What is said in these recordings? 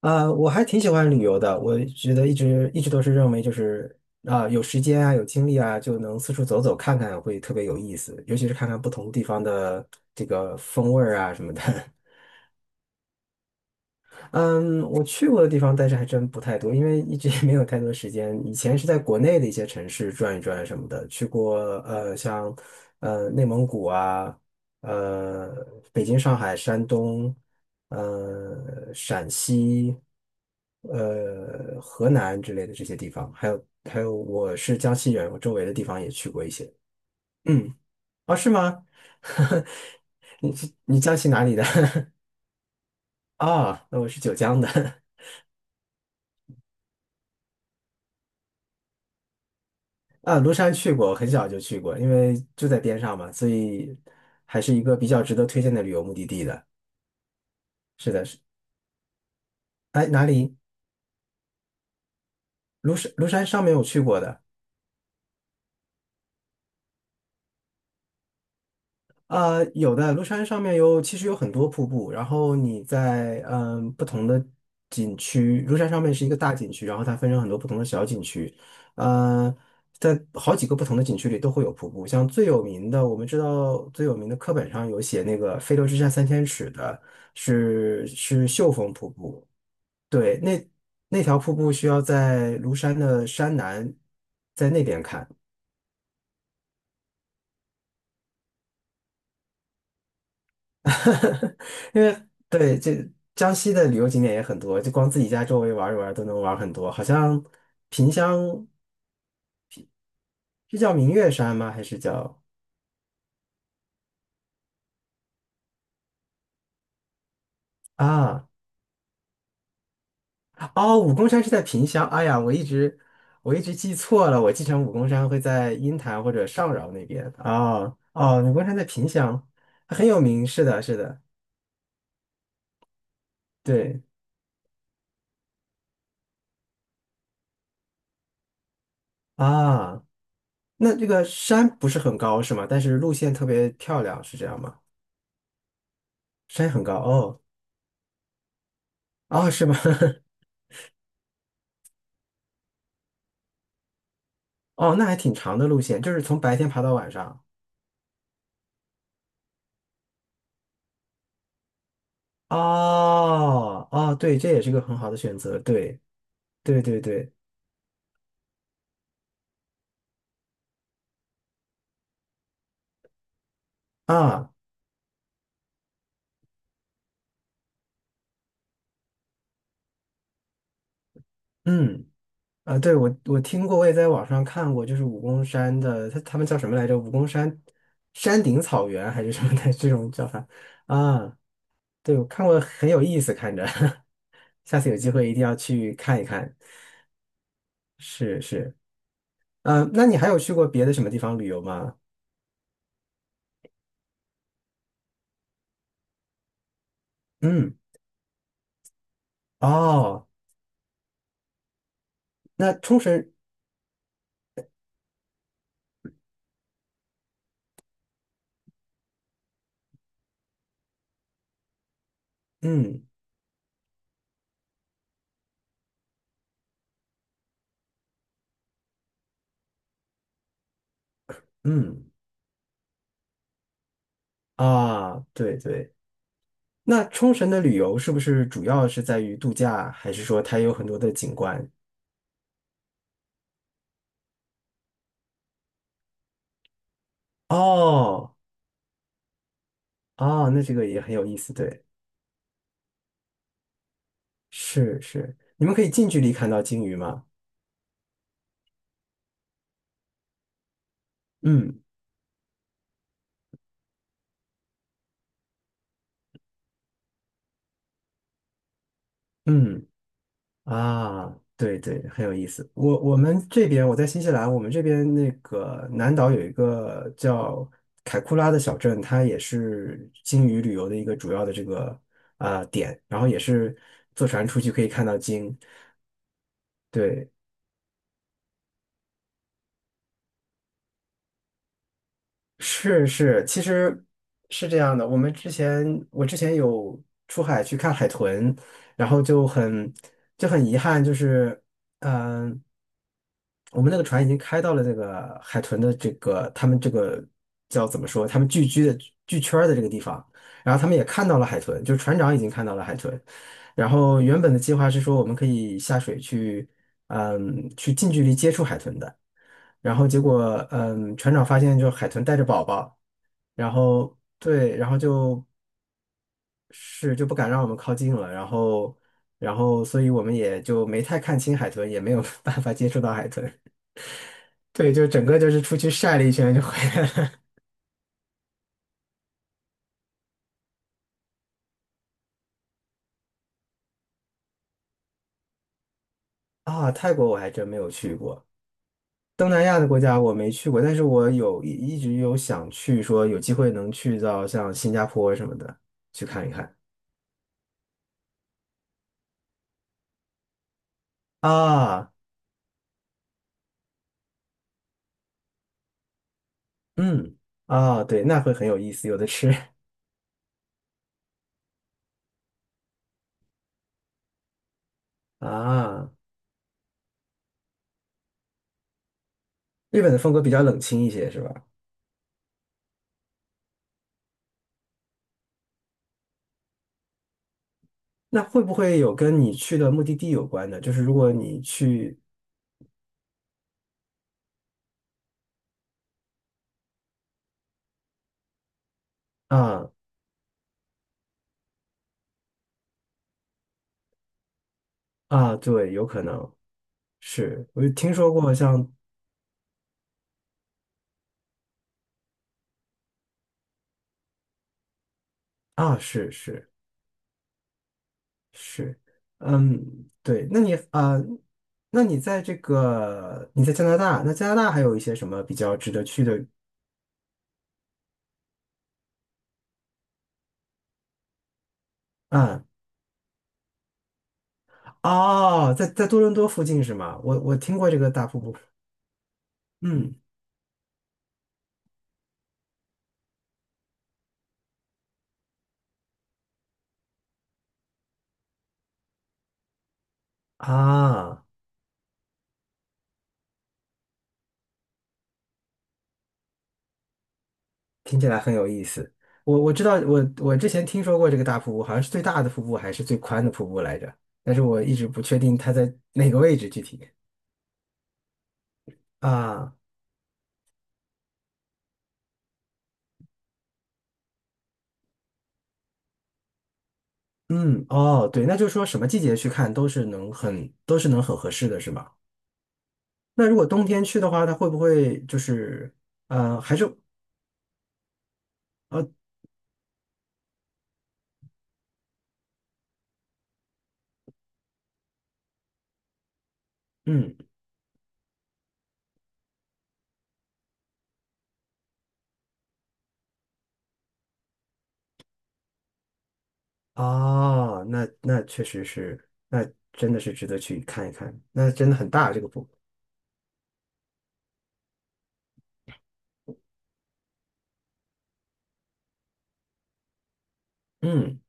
我还挺喜欢旅游的，我觉得一直都是认为就是啊、有时间啊，有精力啊，就能四处走走看看，会特别有意思，尤其是看看不同地方的这个风味儿啊什么的。嗯，我去过的地方，但是还真不太多，因为一直也没有太多时间。以前是在国内的一些城市转一转什么的，去过像内蒙古啊，呃北京、上海、山东，陕西，河南之类的这些地方，还有我是江西人，我周围的地方也去过一些。嗯，啊，是吗？你你江西哪里的？啊，那我是九江的。啊，庐山去过，很小就去过，因为就在边上嘛，所以还是一个比较值得推荐的旅游目的地的。是的，是，哎，哪里？庐山，庐山上面我去过的。有的庐山上面有，其实有很多瀑布。然后你在不同的景区，庐山上面是一个大景区，然后它分成很多不同的小景区。呃，在好几个不同的景区里都会有瀑布。像最有名的，我们知道最有名的课本上有写那个"飞流直下三千尺"的是秀峰瀑布。对，那条瀑布需要在庐山的山南，在那边看。因为对这江西的旅游景点也很多，就光自己家周围玩一玩都能玩很多。好像萍乡是叫明月山吗？还是叫啊？哦，武功山是在萍乡。哎呀，我一直记错了，我记成武功山会在鹰潭或者上饶那边。哦哦，武功山在萍乡，很有名。是的，是的，对啊。那这个山不是很高是吗？但是路线特别漂亮，是这样吗？山很高哦，哦，是吗？哦，那还挺长的路线，就是从白天爬到晚上。哦哦，对，这也是个很好的选择。对对对对啊，嗯啊，对我听过，我也在网上看过，就是武功山的，他们叫什么来着？武功山山顶草原还是什么的这种叫法啊？对，我看过，很有意思，看着。下次有机会一定要去看一看。是是，嗯、那你还有去过别的什么地方旅游吗？嗯，哦，那冲绳，嗯。嗯啊，对对，那冲绳的旅游是不是主要是在于度假，还是说它有很多的景观？哦哦，那这个也很有意思，对，是是，你们可以近距离看到鲸鱼吗？嗯嗯啊，对对，很有意思。我们这边我在新西兰，我们这边那个南岛有一个叫凯库拉的小镇，它也是鲸鱼旅游的一个主要的这个啊、点，然后也是坐船出去可以看到鲸。对，是是，其实是这样的。我之前有出海去看海豚，然后就很遗憾，就是嗯、呃我们那个船已经开到了这个海豚的这个他们这个叫怎么说，他们聚居的聚圈儿的这个地方，然后他们也看到了海豚，就是船长已经看到了海豚，然后原本的计划是说我们可以下水去。嗯，去近距离接触海豚的。然后结果，嗯，船长发现就海豚带着宝宝，然后对，然后就是就不敢让我们靠近了，然后所以我们也就没太看清海豚，也没有 办法接触到海豚。对，就整个就是出去晒了一圈就回来了。啊，泰国我还真没有去过，东南亚的国家我没去过，但是我有一直有想去，说有机会能去到像新加坡什么的去看一看。啊，嗯，啊，对，那会很有意思，有的吃 啊。日本的风格比较冷清一些，是吧？那会不会有跟你去的目的地有关的？就是如果你去啊啊，对，有可能是，我就听说过像啊，是是是，嗯，对，那你啊，那你在加拿大，那加拿大还有一些什么比较值得去的啊？哦，在多伦多附近是吗？我听过这个大瀑布，嗯啊。听起来很有意思。我知道，我之前听说过这个大瀑布，好像是最大的瀑布还是最宽的瀑布来着，但是我一直不确定它在哪个位置具体啊。嗯，哦，对，那就是说什么季节去看都是能很合适的，是吗？那如果冬天去的话，它会不会就是还是呃嗯哦，那确实是，那真的是值得去看一看，那真的很大这个瀑布，嗯，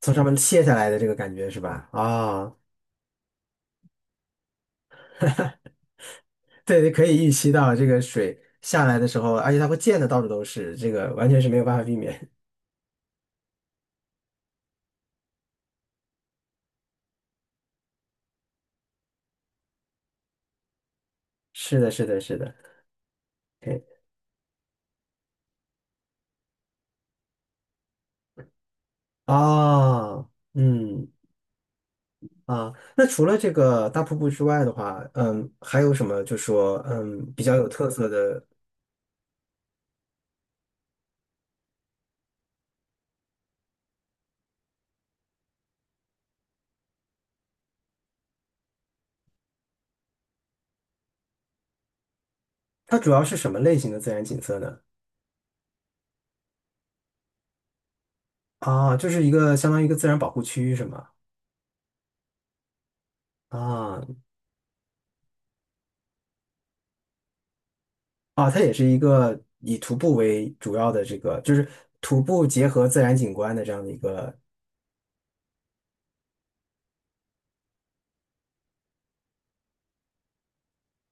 从上面卸下来的这个感觉是吧？啊、对，可以预期到这个水下来的时候，而且它会溅的到处都是，这个完全是没有办法避免。是的，是的，是的。OK，哦，嗯啊，那除了这个大瀑布之外的话，嗯，还有什么就说比较有特色的？它主要是什么类型的自然景色呢？啊，就是一个相当于一个自然保护区是吗？啊啊，它也是一个以徒步为主要的这个，就是徒步结合自然景观的这样的一个，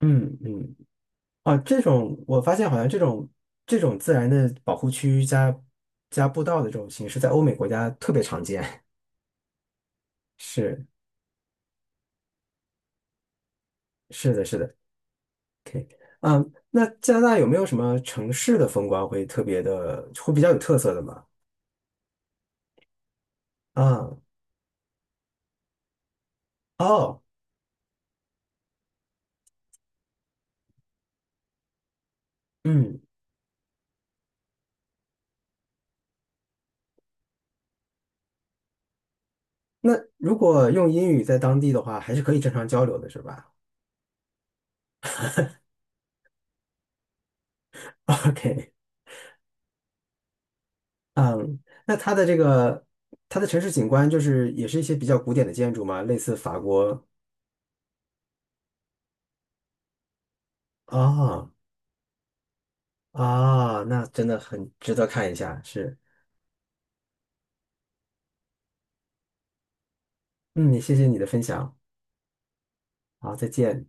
嗯嗯啊，这种我发现好像这种自然的保护区加步道的这种形式，在欧美国家特别常见。是是的，是的，OK，嗯，啊那加拿大有没有什么城市的风光会特别的，会比较有特色的吗？啊，哦，嗯，那如果用英语在当地的话，还是可以正常交流的，是吧 ？OK，嗯，那它的城市景观就是也是一些比较古典的建筑嘛，类似法国啊。啊，那真的很值得看一下，是，嗯，谢谢你的分享，好，再见。